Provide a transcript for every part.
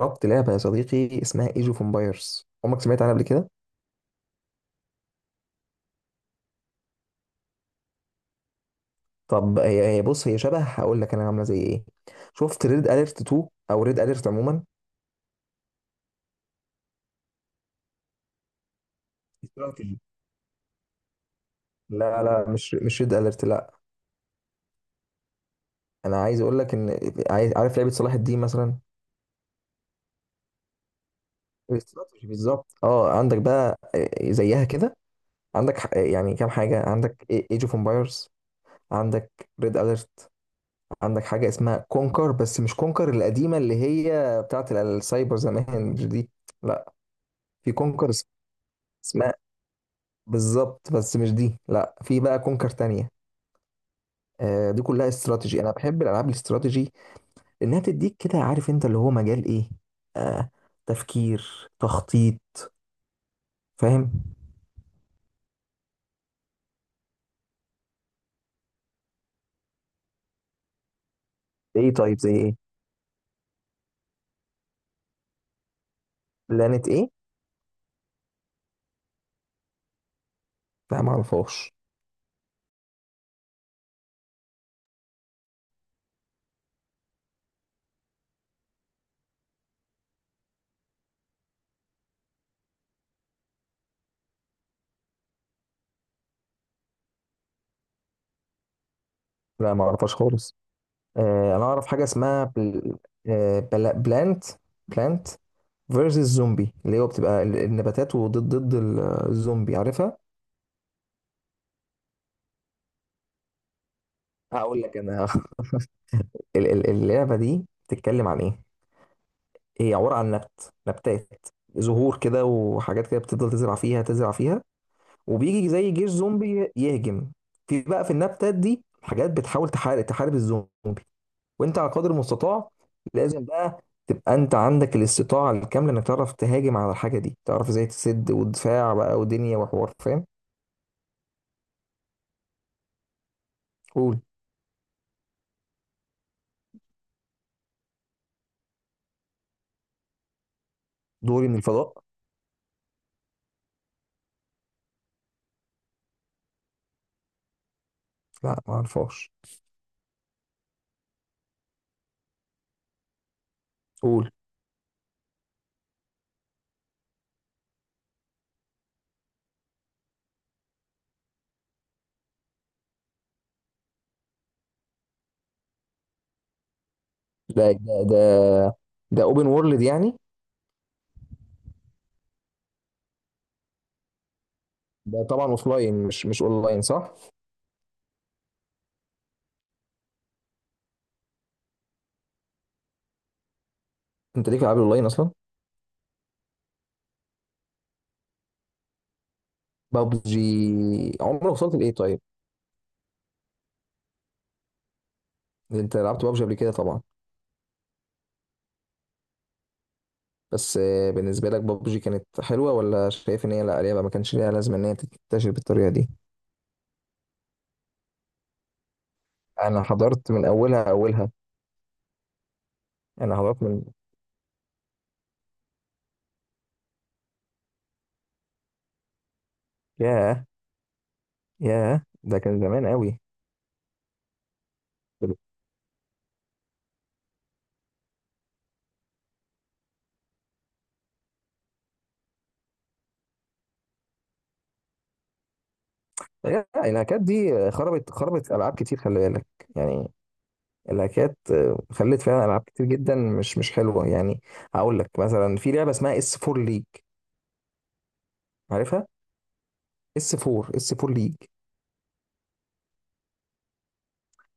جربت لعبة يا صديقي اسمها ايج اوف امبايرز، عمرك سمعت عنها قبل كده؟ طب هي بص، هي شبه، هقول لك انا عاملة زي ايه. شفت ريد اليرت 2 او ريد اليرت عموما، استراتيجي. لا مش ريد اليرت، لا. انا عايز اقول لك ان عايز عارف لعبة صلاح الدين مثلا. الاستراتيجي بالظبط، اه عندك بقى آه، زيها كده. عندك يعني كام حاجة، عندك ايج اوف امبايرز، عندك ريد اليرت، عندك حاجة اسمها كونكر بس مش كونكر القديمة اللي هي بتاعت السايبر زمان، مش دي، لا. في كونكر اسمها بالظبط بس مش دي، لا، في بقى كونكر تانية. آه، دي كلها استراتيجي، انا بحب الالعاب الاستراتيجي لانها تديك كده، عارف انت اللي هو مجال ايه، آه، تفكير، تخطيط، فاهم؟ ايه طيب زي ايه؟ بلانت ايه؟ لا ما اعرفهاش. لا ما اعرفهاش خالص. آه انا اعرف حاجه اسمها بلانت، بلانت فيرسز زومبي، اللي هو بتبقى النباتات، وضد الزومبي، عارفها. هقول لك انا اللعبه دي بتتكلم عن ايه. هي عبارة عن نبتات، زهور كده وحاجات كده، بتفضل تزرع فيها، وبيجي زي جيش زومبي يهجم. في بقى في النبتات دي حاجات بتحاول تحارب الزومبي، وانت على قدر المستطاع لازم بقى تبقى انت عندك الاستطاعة الكاملة، انك تعرف تهاجم على الحاجة دي، تعرف ازاي تسد، ودفاع بقى ودنيا وحوار، فاهم. قول. دوري من الفضاء. لا ما اعرفهاش. قول. ده ده ده ده اوبن وورلد يعني. ده طبعا اوف لاين، مش اونلاين، صح؟ انت ليك في العاب الاونلاين اصلا؟ بابجي عمرك وصلت لايه طيب؟ انت لعبت بابجي قبل كده طبعا. بس آه، بالنسبه لك بابجي كانت حلوه، ولا شايف ان هي لا لعبه ما كانش ليها لازمه ان هي تنتشر بالطريقه دي؟ انا حضرت من اولها اولها. انا حضرت من ياه، ياه ده كان زمان قوي. لا، الهاكات دي خربت العاب كتير، خلي بالك يعني. الهاكات آه، خلت فعلا العاب كتير جدا مش حلوه يعني. هقول لك مثلا في لعبه اسمها اس 4 ليج، عارفها؟ اس 4 ليج.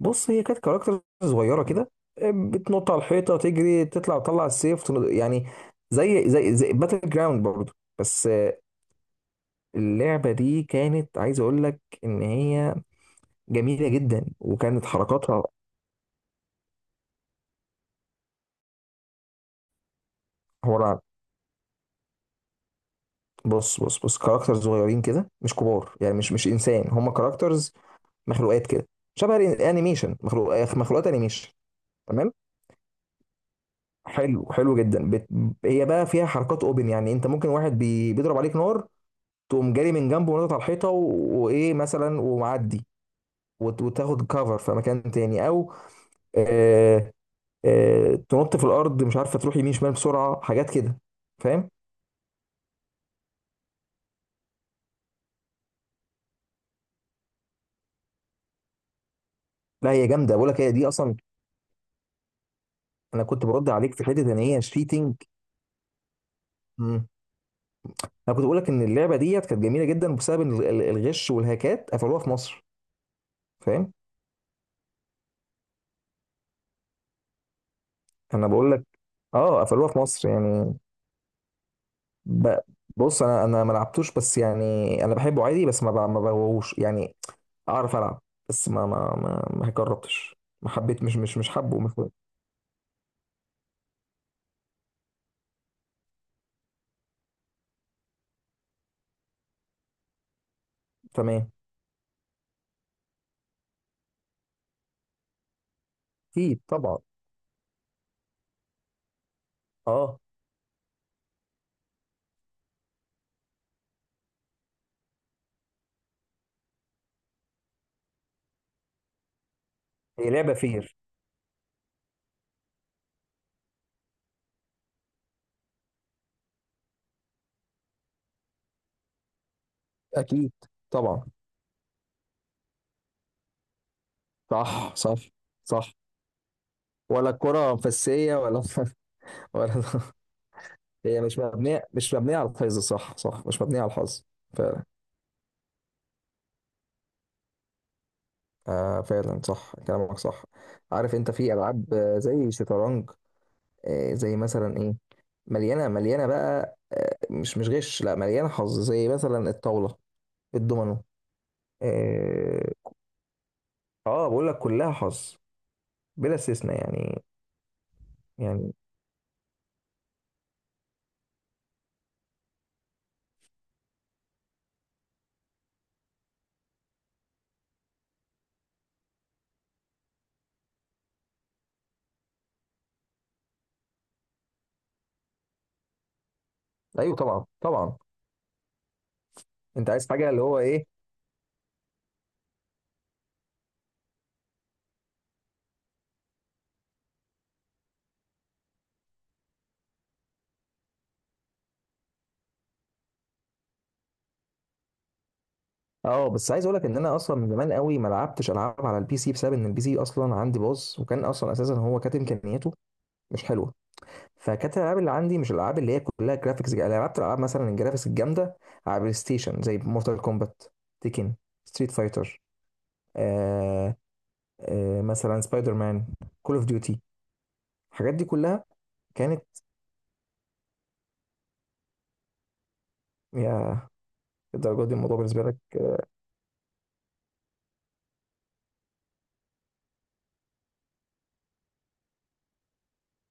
بص هي كانت كاركتر صغيره كده، بتنط على الحيطه، تجري، تطلع السيف، يعني زي زي باتل جراوند برضه، بس اللعبه دي كانت، عايز اقول لك، ان هي جميله جدا وكانت حركاتها عباره عن، بص، كاركتر صغيرين كده، مش كبار يعني، مش انسان، هم كاركترز، مخلوقات كده، شبه الانيميشن، مخلوقات انيميشن. تمام. حلو، حلو جدا. هي بقى فيها حركات اوبن، يعني انت ممكن واحد بيضرب عليك نار، تقوم جاري من جنبه ونطط على الحيطه وايه مثلا ومعدي، وتاخد كفر في مكان تاني، او آه، تنط في الارض، مش عارفه تروح يمين شمال بسرعه، حاجات كده، فاهم؟ لا هي جامده، بقول لك هي دي اصلا. انا كنت برد عليك في حته ان هي شيتنج. انا كنت بقول لك ان اللعبه ديت كانت جميله جدا، بسبب إن الغش والهاكات قفلوها في مصر، فاهم. انا بقول لك، اه قفلوها في مصر يعني. ب- بص، انا ما لعبتوش، بس يعني انا بحبه عادي، بس ما بغوش يعني، اعرف العب، بس ما جربتش، ما حبيت، مش حابه ومش تمام. اكيد طبعا. اه. هي لعبه فير. اكيد طبعا. صح صح صح. ولا الكرة مفسية، ولا ولا. هي مش مبنيه على الحظ، صح صح، مش مبنيه على الحظ. فعلا. آه فعلا، صح كلامك صح. عارف انت في العاب آه، زي شطرنج. آه زي مثلا ايه، مليانه بقى، آه مش غش، لا، مليانه حظ، زي مثلا الطاوله، الدومينو. اه. آه، بقول لك كلها حظ، بلا استثناء يعني. يعني ايوه، طبعا طبعا. انت عايز حاجه اللي هو ايه؟ اه بس عايز اقول لك ان انا اصلا من زمان قوي ما لعبتش العاب على البي سي، بسبب ان البي سي اصلا عندي باظ، وكان اصلا اساسا هو كانت امكانياته مش حلوه. فكانت الالعاب اللي عندي مش الالعاب اللي هي كلها جرافيكس. انا لعبت العاب مثلا الجرافيكس الجامده على بلاي ستيشن، زي مورتال كومبات، تيكن، ستريت فايتر، آه، آه مثلا سبايدر مان، كول اوف ديوتي، الحاجات دي كلها كانت الدرجات دي الموضوع بالنسبه لك.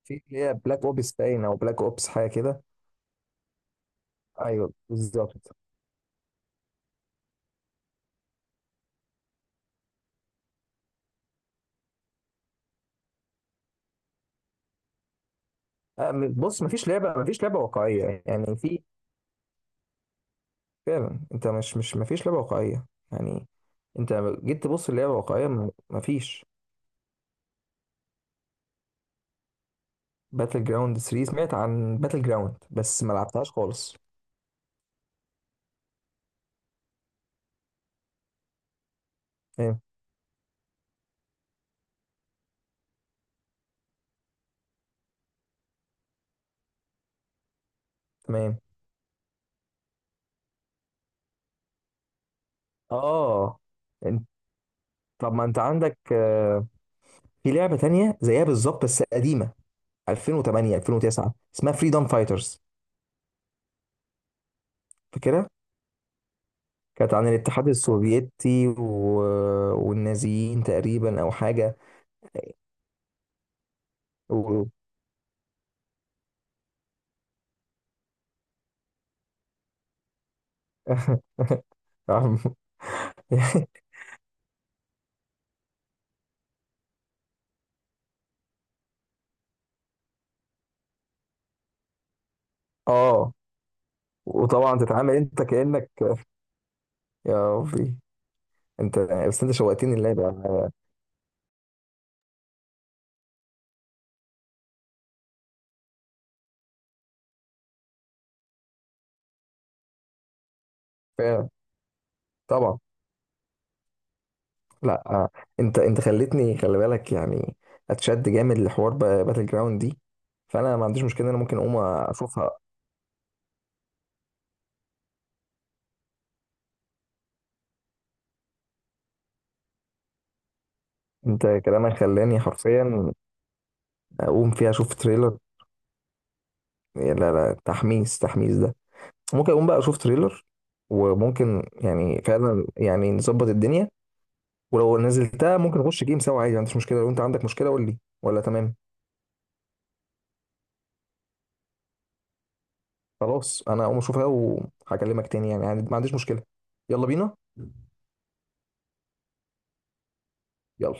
في اللي هي بلاك اوبس باين، او بلاك اوبس حاجه كده. ايوه بالظبط. آه، بص، مفيش لعبه واقعيه يعني، في فعلا، انت مش مفيش لعبه واقعيه يعني، انت لما جيت تبص اللعبه واقعيه مفيش. باتل جراوند 3؟ سمعت عن باتل جراوند بس ما لعبتهاش خالص. ايه. تمام. اه. انت. طب ما انت عندك آه، في لعبه تانية زيها بالظبط بس قديمه، 2008، 2009، اسمها فريدم فايترز، فاكرها؟ كانت عن الاتحاد السوفيتي و... والنازيين تقريبا، او حاجه. و... اه. وطبعا تتعامل انت كانك، يا ربي. انت. بس انت شوقتني اللعبه. فعلا. طبعا. لا آه، انت خلتني، خلي بالك يعني، اتشد جامد لحوار باتل جراوند دي، فانا ما عنديش مشكله ان انا ممكن اقوم اشوفها. انت كلامك خلاني حرفيا اقوم فيها اشوف تريلر. لا لا، تحميس ده. ممكن اقوم بقى اشوف تريلر، وممكن يعني فعلا يعني نظبط الدنيا. ولو نزلتها ممكن نخش جيم سوا عادي، ما عنديش مشكله، لو انت عندك مشكله قول لي ولا تمام. خلاص انا اقوم اشوفها وهكلمك تاني يعني ما عنديش مشكله. يلا بينا. يلا.